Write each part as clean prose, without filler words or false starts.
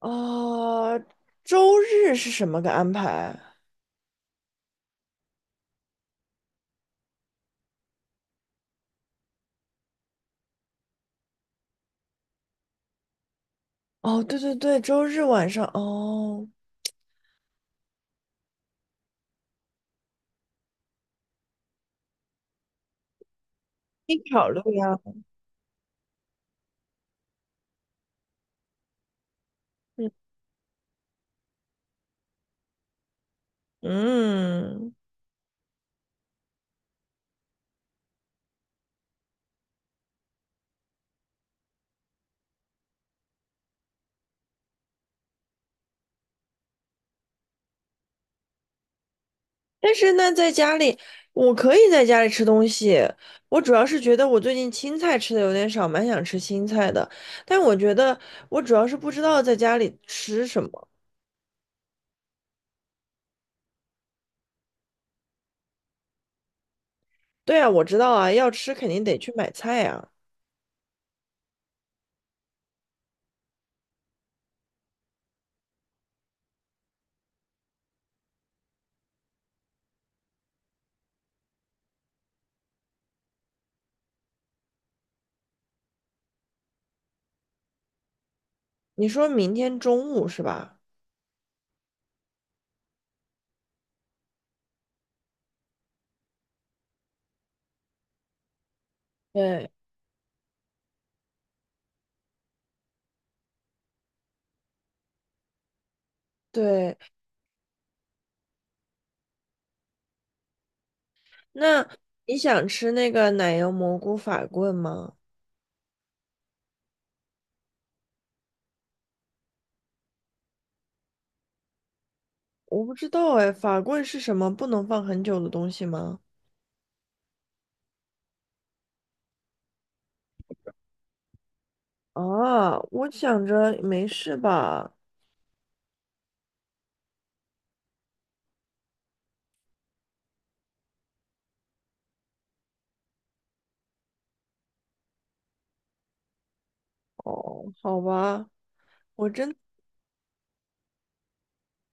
哦，周日是什么个安排？哦，对对对，周日晚上哦，你考虑呀。嗯嗯，但是那在家里，我可以在家里吃东西。我主要是觉得我最近青菜吃的有点少，蛮想吃青菜的。但我觉得我主要是不知道在家里吃什么。对啊，我知道啊，要吃肯定得去买菜啊。你说明天中午是吧？对对。那你想吃那个奶油蘑菇法棍吗？我不知道哎，法棍是什么不能放很久的东西吗？啊，我想着没事吧。哦，好吧，我真，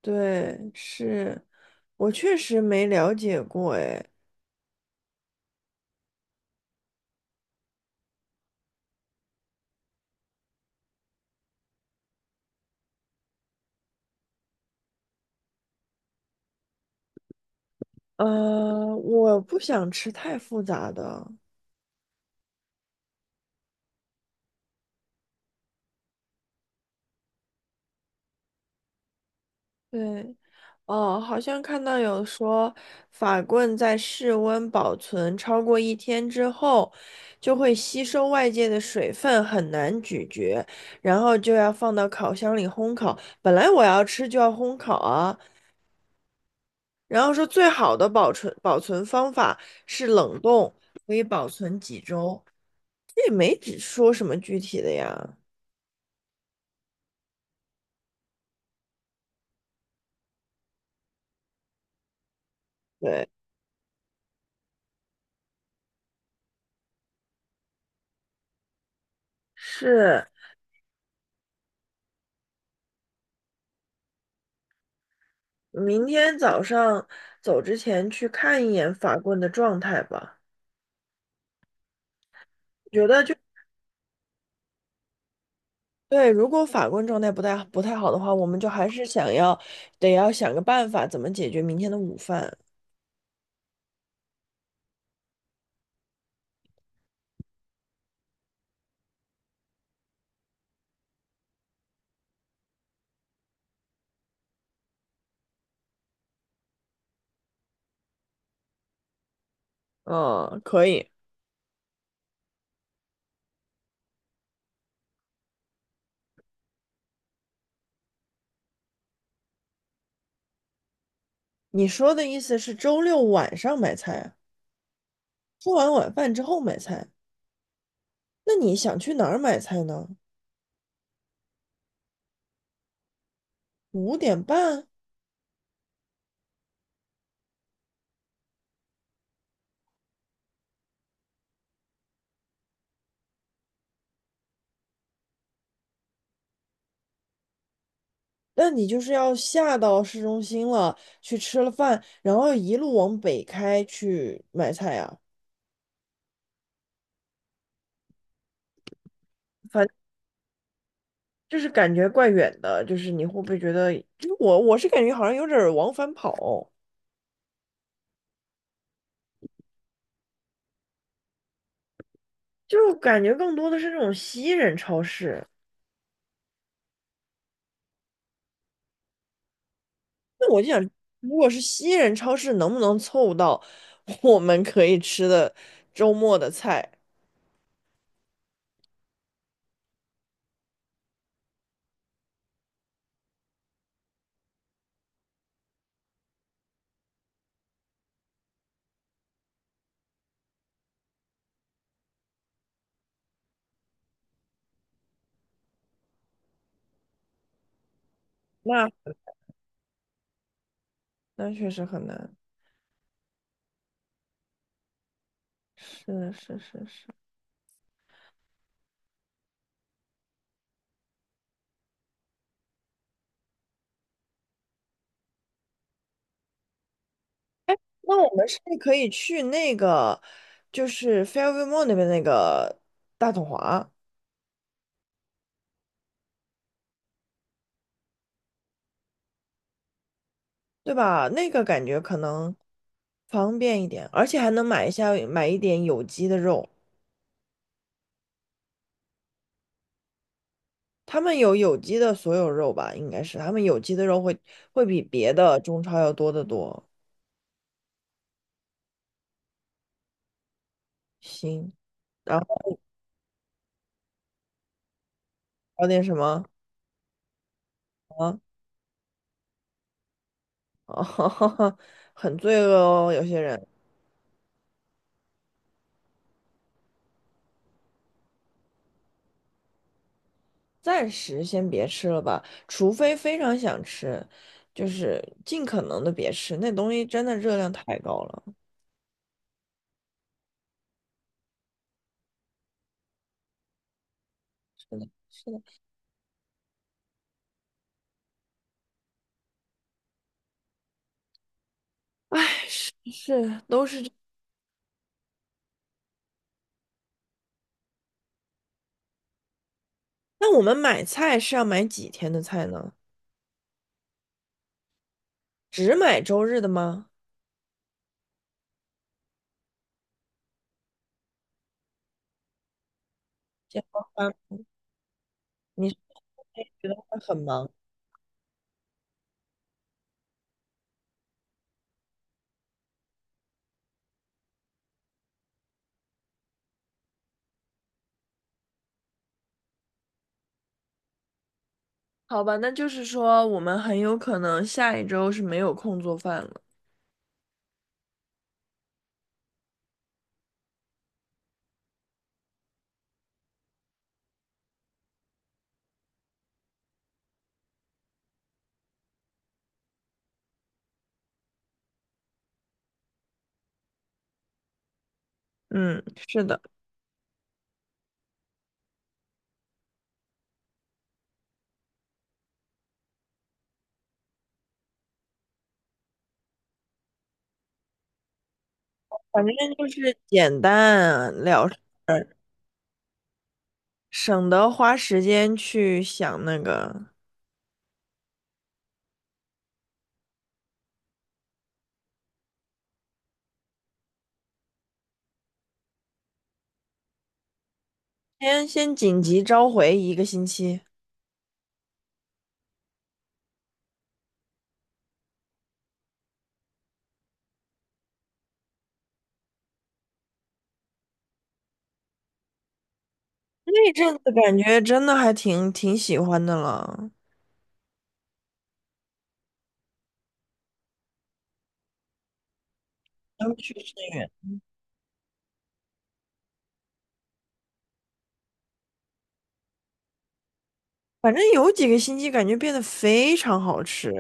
对，是，我确实没了解过哎。我不想吃太复杂的，对。哦，好像看到有说，法棍在室温保存超过一天之后，就会吸收外界的水分，很难咀嚼，然后就要放到烤箱里烘烤。本来我要吃就要烘烤啊，然后说最好的保存方法是冷冻，可以保存几周，这也没只说什么具体的呀。对，是。明天早上走之前去看一眼法棍的状态吧。觉得就对，如果法棍状态不太好的话，我们就还是想要得要想个办法，怎么解决明天的午饭。嗯，可以。你说的意思是周六晚上买菜啊，吃完晚饭之后买菜。那你想去哪儿买菜呢？五点半？那你就是要下到市中心了，去吃了饭，然后一路往北开去买菜啊。就是感觉怪远的，就是你会不会觉得，就是我是感觉好像有点儿往返跑，就是感觉更多的是那种西人超市。那我就想，如果是西人超市，能不能凑到 我们可以吃的周末的菜？那那确实很难。是的是是是。那我们是不是可以去那个，就是 Fairview Mall 那边那个大统华？对吧？那个感觉可能方便一点，而且还能买一下买一点有机的肉。他们有有机的所有肉吧，应该是他们有机的肉会比别的中超要多得多。行，然后搞点什么啊？哦，很罪恶哦，有些人暂时先别吃了吧，除非非常想吃，就是尽可能的别吃，那东西真的热量太高了。是的，是的，唉，是是，都是。那我们买菜是要买几天的菜呢？只买周日的吗？这样，你是不是觉得会很忙？好吧，那就是说我们很有可能下一周是没有空做饭了。嗯，是的，反正就是简单了事儿，省得花时间去想那个。先紧急召回一个星期，那阵子感觉真的还挺喜欢的了。想去吃反正有几个星期感觉变得非常好吃。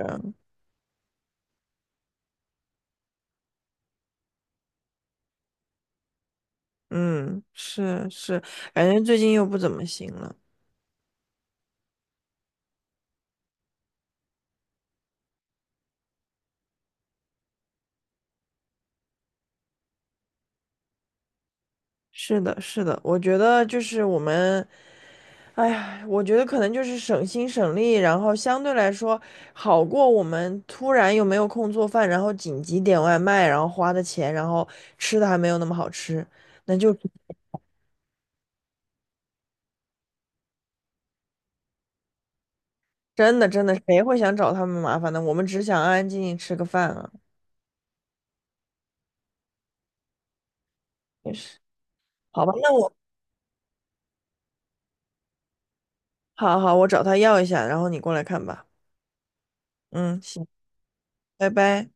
嗯，是是，感觉最近又不怎么行了。是的，是的，我觉得就是我们，哎呀，我觉得可能就是省心省力，然后相对来说好过我们突然又没有空做饭，然后紧急点外卖，然后花的钱，然后吃的还没有那么好吃，那就真的真的谁会想找他们麻烦呢？我们只想安安静静吃个饭啊。也是，好吧，那我好好，我找他要一下，然后你过来看吧。嗯，行，拜拜。